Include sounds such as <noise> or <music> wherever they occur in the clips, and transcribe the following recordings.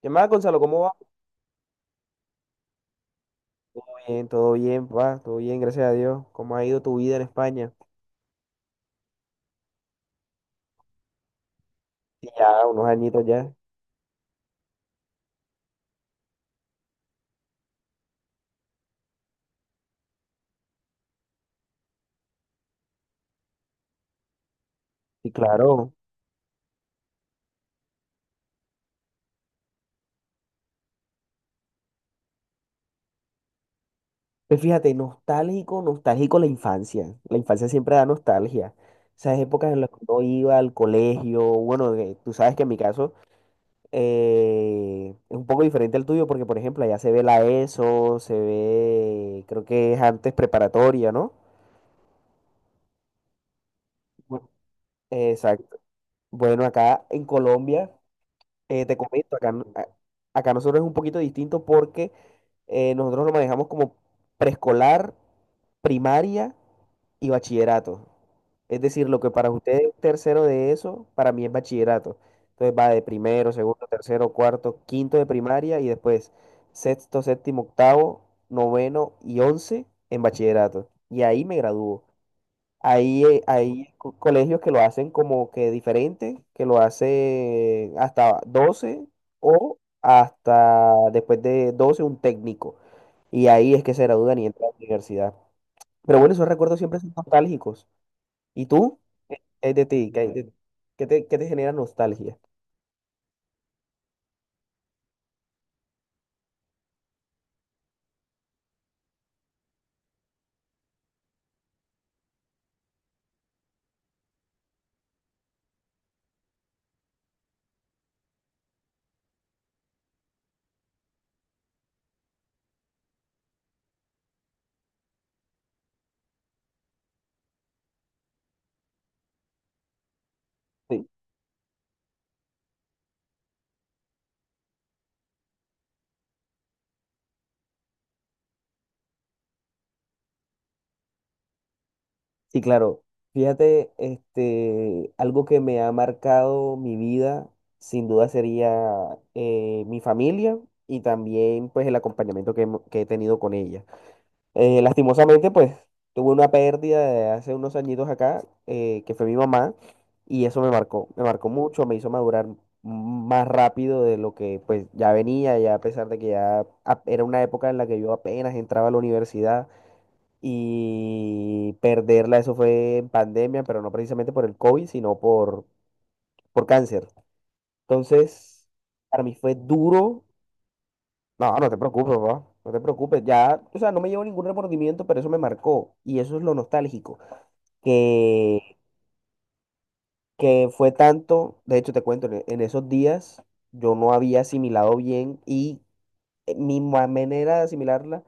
¿Qué más, Gonzalo? ¿Cómo va? Todo bien, papá, todo bien, gracias a Dios. ¿Cómo ha ido tu vida en España? Sí, ya, unos añitos ya. Sí, claro. Pues fíjate, nostálgico, nostálgico la infancia. La infancia siempre da nostalgia. Esas épocas en las que uno iba al colegio, bueno, tú sabes que en mi caso es un poco diferente al tuyo porque, por ejemplo, allá se ve la ESO, se ve, creo que es antes preparatoria, ¿no? Bu- Exacto. Bueno, acá en Colombia. Te comento, acá, acá nosotros es un poquito distinto porque nosotros lo manejamos como preescolar, primaria y bachillerato. Es decir, lo que para ustedes es tercero de eso, para mí es bachillerato. Entonces va de primero, segundo, tercero, cuarto, quinto de primaria y después sexto, séptimo, octavo, noveno y once en bachillerato. Y ahí me gradúo. Hay, hay colegios que lo hacen como que diferente, que lo hacen hasta 12 o hasta después de 12 un técnico. Y ahí es que se gradúan y entran a la universidad. Pero bueno, esos recuerdos siempre son nostálgicos. ¿Y tú? ¿Qué hay de ti? ¿Qué hay qué qué te genera nostalgia? Sí, claro. Fíjate, este, algo que me ha marcado mi vida, sin duda sería mi familia y también pues el acompañamiento que, que he tenido con ella. Lastimosamente, pues tuve una pérdida de hace unos añitos acá, que fue mi mamá, y eso me marcó mucho, me hizo madurar más rápido de lo que pues ya venía, ya a pesar de que era una época en la que yo apenas entraba a la universidad y perderla, eso fue en pandemia, pero no precisamente por el COVID, sino por cáncer. Entonces, para mí fue duro. No, no te preocupes, papá, no te preocupes. Ya, o sea, no me llevo ningún remordimiento, pero eso me marcó. Y eso es lo nostálgico, que, que fue tanto, de hecho te cuento, en esos días yo no había asimilado bien y manera de asimilarla,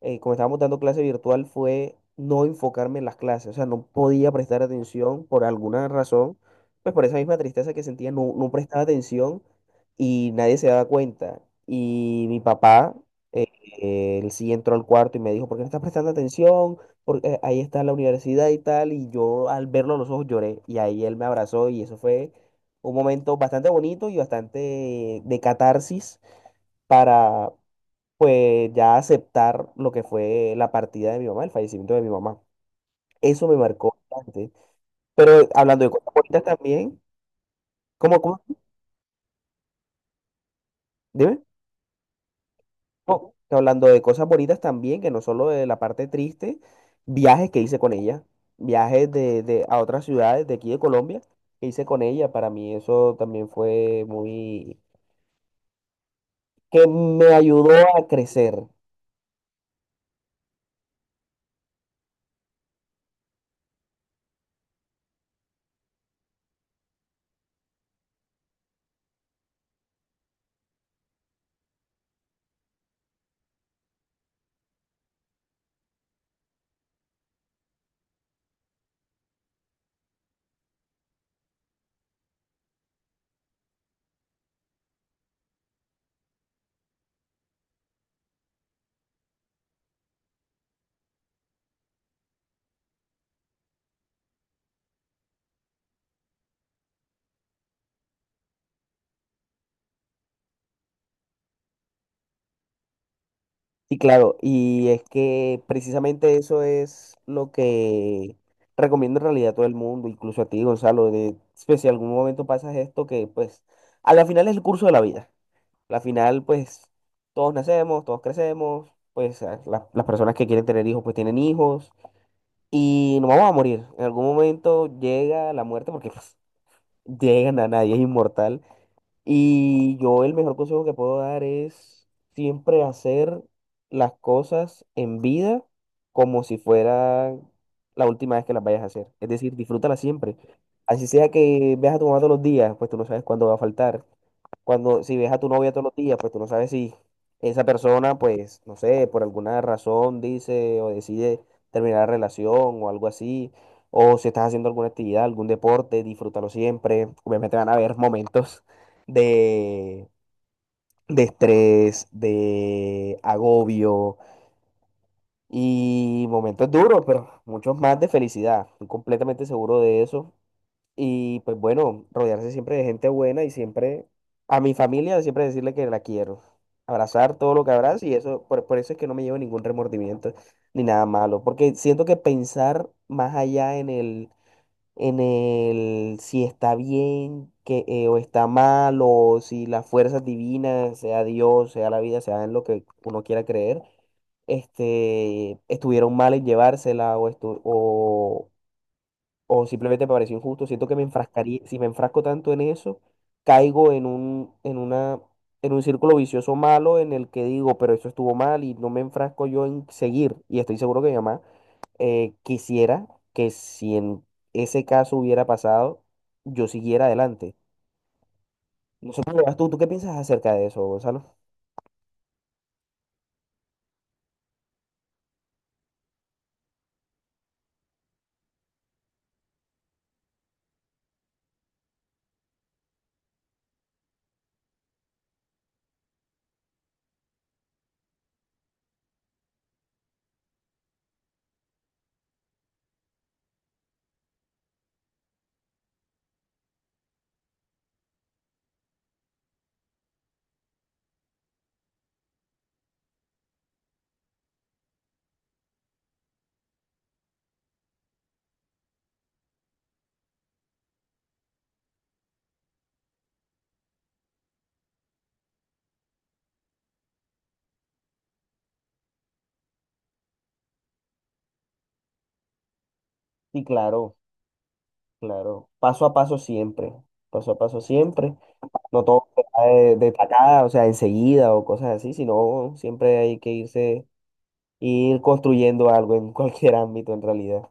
como estábamos dando clase virtual, fue no enfocarme en las clases, o sea, no podía prestar atención por alguna razón, pues por esa misma tristeza que sentía, no, no prestaba atención y nadie se daba cuenta. Y mi papá, eh, él sí entró al cuarto y me dijo, ¿por qué no estás prestando atención? Porque ahí está la universidad y tal, y yo al verlo a los ojos lloré, y ahí él me abrazó y eso fue un momento bastante bonito y bastante de catarsis para pues ya aceptar lo que fue la partida de mi mamá, el fallecimiento de mi mamá. Eso me marcó bastante. Pero hablando de cosas bonitas también, ¿cómo, cómo? Dime. ¿Cómo? Que hablando de cosas bonitas también, que no solo de la parte triste, viajes que hice con ella, viajes de, a otras ciudades de aquí de Colombia que hice con ella, para mí eso también fue muy, que me ayudó a crecer. Sí, claro, y es que precisamente eso es lo que recomiendo en realidad a todo el mundo, incluso a ti, Gonzalo, de pues, si algún momento pasas esto, que pues a la final es el curso de la vida. A la final, pues todos nacemos, todos crecemos, pues las personas que quieren tener hijos, pues tienen hijos, y nos vamos a morir. En algún momento llega la muerte, porque pues, llegan a nadie, es inmortal. Y yo el mejor consejo que puedo dar es siempre hacer las cosas en vida como si fuera la última vez que las vayas a hacer. Es decir, disfrútala siempre. Así sea que veas a tu mamá todos los días, pues tú no sabes cuándo va a faltar. Cuando, si ves a tu novia todos los días, pues tú no sabes si esa persona, pues, no sé, por alguna razón dice o decide terminar la relación o algo así, o si estás haciendo alguna actividad, algún deporte, disfrútalo siempre. Obviamente van a haber momentos <laughs> de, de estrés, de agobio y momentos duros, pero muchos más de felicidad. Estoy completamente seguro de eso. Y pues bueno, rodearse siempre de gente buena y siempre a mi familia siempre decirle que la quiero. Abrazar todo lo que abrazo y eso, por eso es que no me llevo ningún remordimiento ni nada malo, porque siento que pensar más allá en el si está bien que, o está mal o si las fuerzas divinas, sea Dios, sea la vida, sea en lo que uno quiera creer, este, estuvieron mal en llevársela o, estu- o simplemente me pareció injusto. Siento que me enfrascaría, si me enfrasco tanto en eso, caigo en un círculo vicioso malo en el que digo, pero eso estuvo mal y no me enfrasco yo en seguir. Y estoy seguro que mi mamá quisiera que si en ese caso hubiera pasado, yo siguiera adelante. No sé cómo lo ves tú, ¿tú qué piensas acerca de eso, Gonzalo? Sí, claro, claro. Paso a paso siempre, paso a paso siempre. No todo se da de tacada, o sea, enseguida o cosas así, sino siempre hay que irse, ir construyendo algo en <laughs> cualquier ámbito en realidad.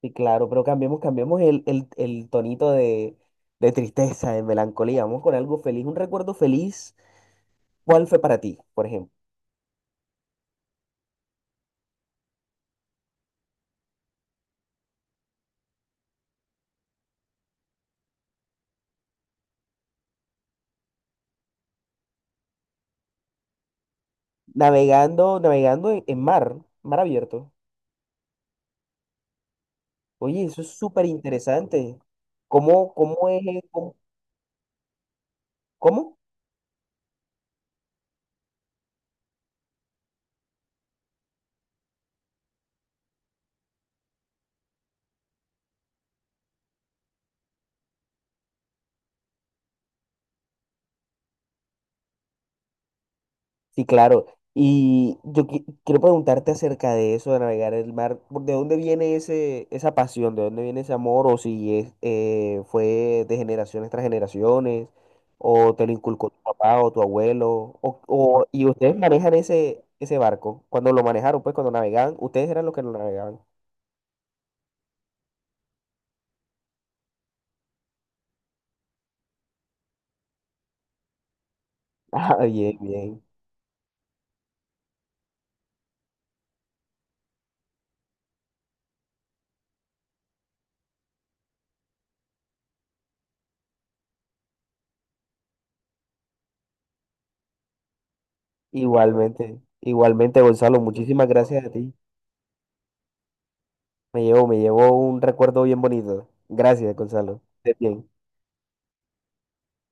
Sí, claro, pero cambiemos, cambiemos el tonito de tristeza, de melancolía. Vamos con algo feliz, un recuerdo feliz. ¿Cuál fue para ti, por ejemplo? Navegando, navegando en mar, mar abierto. Oye, eso es súper interesante. ¿Cómo, cómo es? ¿Cómo? ¿Cómo? Sí, claro. Y yo quiero preguntarte acerca de eso, de navegar el mar. ¿De dónde viene ese, esa pasión? ¿De dónde viene ese amor? ¿O si es, fue de generaciones tras generaciones? ¿O te lo inculcó tu papá o tu abuelo? ¿Y ustedes manejan ese, ese barco? Cuando lo manejaron, pues cuando navegaban, ustedes eran los que lo navegaban. <laughs> Ah, bien, bien. Igualmente, igualmente, Gonzalo. Muchísimas gracias a ti. Me llevo un recuerdo bien bonito. Gracias, Gonzalo. Estés bien.